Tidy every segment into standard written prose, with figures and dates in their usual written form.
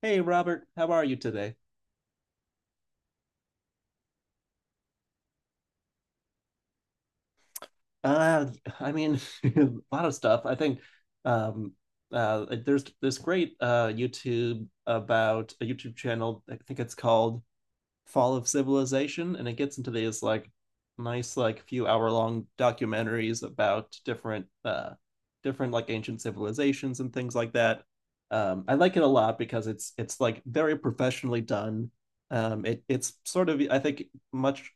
Hey Robert, how are you today? Uh, I mean, a lot of stuff. I think um, there's this great YouTube about a YouTube channel. I think it's called Fall of Civilization, and it gets into these like nice like few hour long documentaries about different different like ancient civilizations and things like that. I like it a lot because it's like very professionally done. It's sort of, I think, much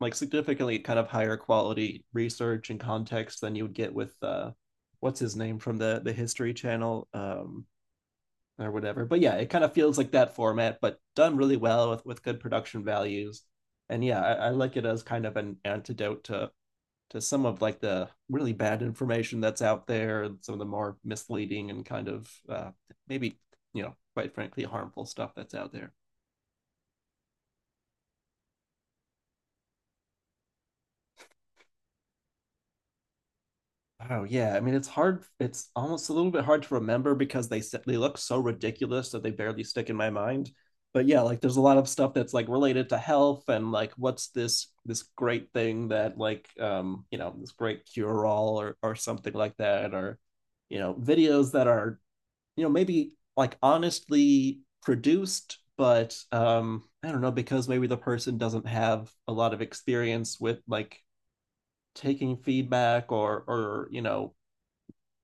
like significantly kind of higher quality research and context than you would get with what's his name from the History Channel, or whatever. But yeah, it kind of feels like that format, but done really well with good production values. And yeah, I like it as kind of an antidote to some of like the really bad information that's out there and some of the more misleading and kind of maybe you know, quite frankly harmful stuff that's out there. Oh yeah, I mean it's hard. It's almost a little bit hard to remember because they look so ridiculous that they barely stick in my mind. But yeah, like there's a lot of stuff that's like related to health and like what's this great thing that like, you know, this great cure all, or something like that. Or you know, videos that are, you know, maybe like honestly produced, but I don't know, because maybe the person doesn't have a lot of experience with like taking feedback, or you know,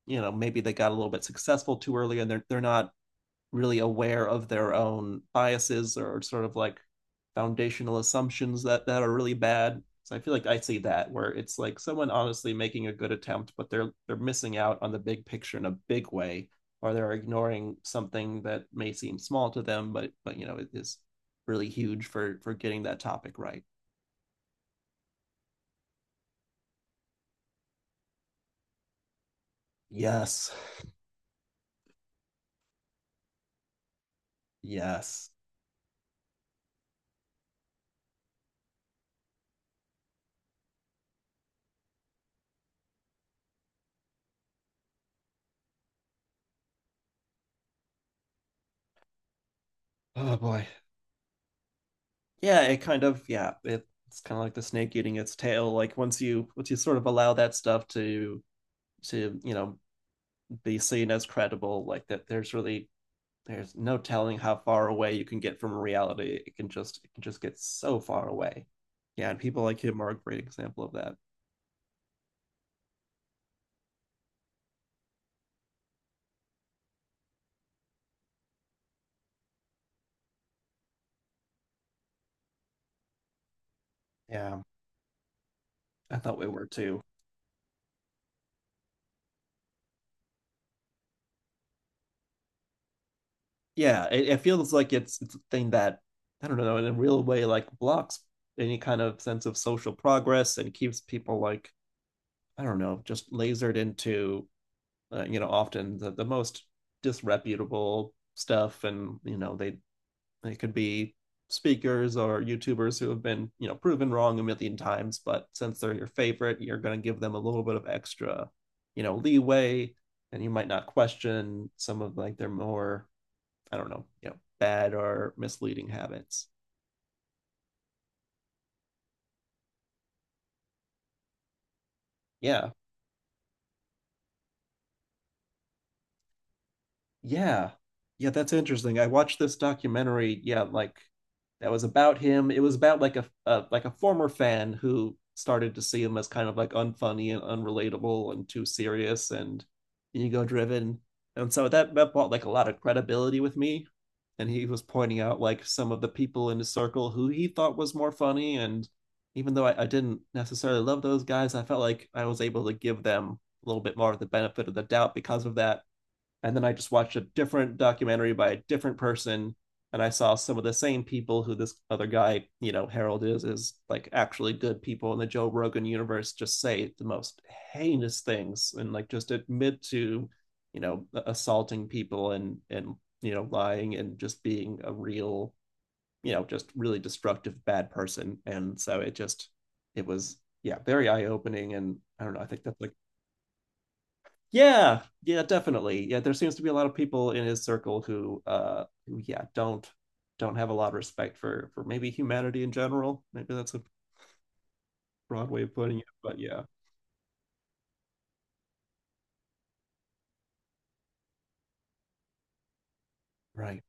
you know, maybe they got a little bit successful too early and they're not really aware of their own biases or sort of like foundational assumptions that are really bad. So I feel like I see that where it's like someone honestly making a good attempt, but they're missing out on the big picture in a big way, or they're ignoring something that may seem small to them, but you know, it is really huge for getting that topic right. Yes, yes. Oh boy, yeah it kind of, yeah it, it's kind of like the snake eating its tail. Like once you, once you sort of allow that stuff to you know, be seen as credible, like that, there's really there's no telling how far away you can get from reality. It can just, it can just get so far away. Yeah, and people like him are a great example of that. Yeah, I thought we were too. Yeah, it feels like it's a thing that, I don't know, in a real way like blocks any kind of sense of social progress and keeps people like, I don't know, just lasered into you know, often the most disreputable stuff. And you know, they could be speakers or YouTubers who have been, you know, proven wrong a million times, but since they're your favorite, you're going to give them a little bit of extra, you know, leeway. And you might not question some of like their more, I don't know, you know, bad or misleading habits. Yeah. Yeah. Yeah, that's interesting. I watched this documentary, yeah, like that was about him. It was about like a like a former fan who started to see him as kind of like unfunny and unrelatable and too serious and ego driven. And so that brought like a lot of credibility with me. And he was pointing out like some of the people in his circle who he thought was more funny. And even though I didn't necessarily love those guys, I felt like I was able to give them a little bit more of the benefit of the doubt because of that. And then I just watched a different documentary by a different person, and I saw some of the same people who this other guy, you know, Harold, is like actually good people in the Joe Rogan universe, just say the most heinous things and like just admit to, you know, assaulting people, and you know, lying and just being a real, you know, just really destructive bad person. And so it just, it was, yeah, very eye opening. And I don't know, I think that's like yeah, yeah, definitely. Yeah, there seems to be a lot of people in his circle who yeah, don't have a lot of respect for maybe humanity in general. Maybe that's a broad way of putting it, but yeah. Right.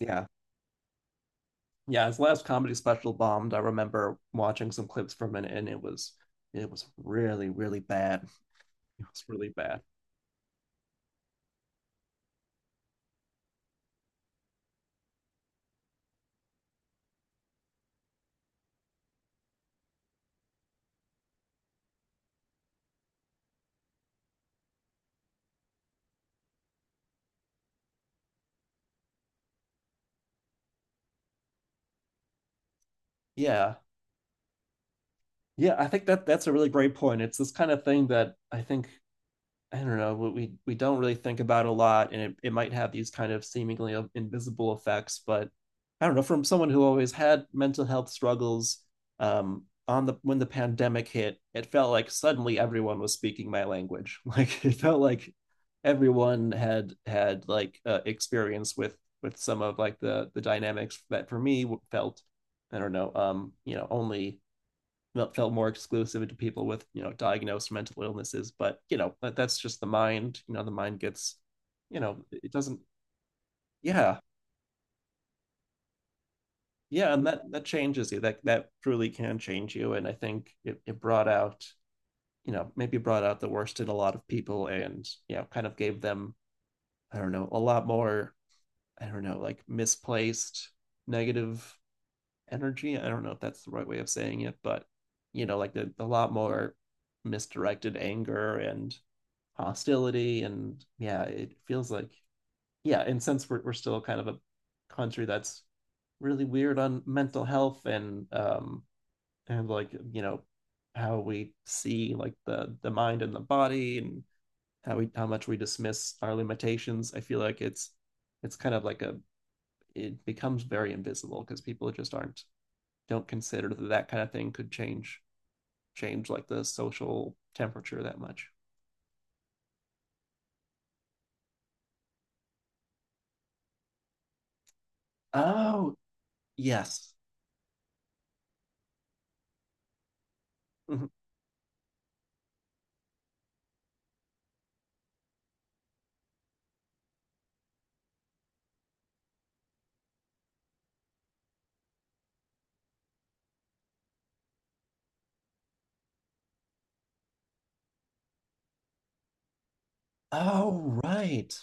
Yeah. Yeah, his last comedy special bombed. I remember watching some clips from it and it was, it was really, really bad. It was really bad. Yeah. Yeah, I think that that's a really great point. It's this kind of thing that I think, I don't know, we don't really think about a lot, and it might have these kind of seemingly invisible effects. But I don't know, from someone who always had mental health struggles, on the, when the pandemic hit, it felt like suddenly everyone was speaking my language. Like it felt like everyone had had like experience with some of like the dynamics that for me felt, I don't know, you know, only felt more exclusive to people with, you know, diagnosed mental illnesses. But you know, that's just the mind, you know, the mind gets, you know, it doesn't. Yeah, yeah. And that changes you, that truly can change you. And I think it, it brought out, you know, maybe brought out the worst in a lot of people. And you know, kind of gave them, I don't know, a lot more, I don't know, like misplaced negative energy, I don't know if that's the right way of saying it, but you know, like a lot more misdirected anger and hostility. And yeah, it feels like, yeah. And since we're still kind of a country that's really weird on mental health. And and like you know, how we see like the mind and the body and how we, how much we dismiss our limitations, I feel like it's kind of like a, it becomes very invisible because people just aren't, don't consider that that kind of thing could change, change like the social temperature that much. Oh yes. Mm-hmm. Oh, right.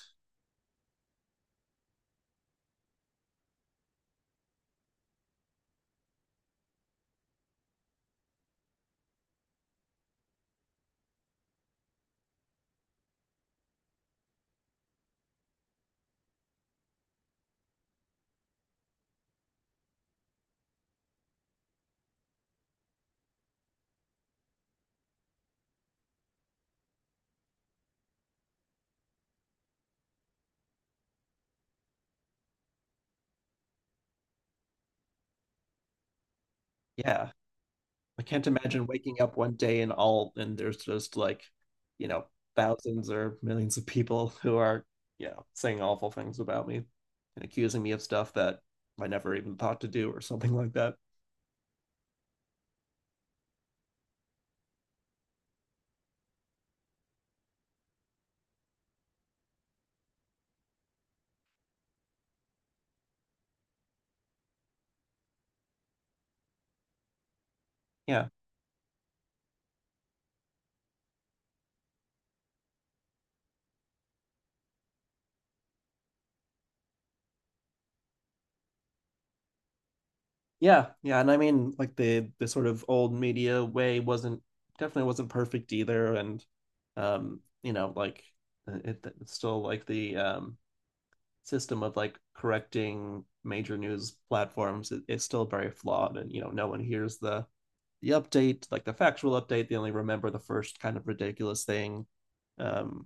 Yeah. I can't imagine waking up one day and all and there's just like, you know, thousands or millions of people who are, you know, saying awful things about me and accusing me of stuff that I never even thought to do or something like that. Yeah. Yeah. Yeah. And I mean, like the sort of old media way wasn't definitely wasn't perfect either. And you know, like it, it's still like the system of like correcting major news platforms is, it, it's still very flawed. And you know, no one hears the update, like the factual update, they only remember the first kind of ridiculous thing. um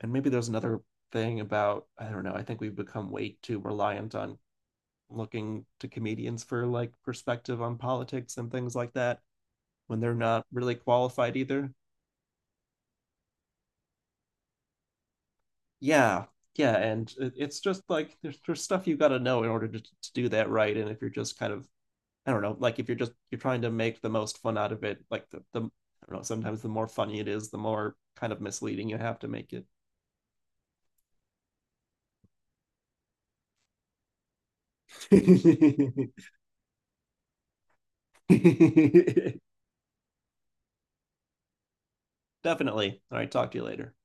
and maybe there's another thing about, I don't know, I think we've become way too reliant on looking to comedians for like perspective on politics and things like that, when they're not really qualified either. Yeah, yeah, and it, it's just like there's stuff you got to know in order to do that right. And if you're just kind of, I don't know, like if you're just, you're trying to make the most fun out of it, like the I don't know, sometimes the more funny it is, the more kind of misleading you have to make it. Definitely. All right, talk to you later.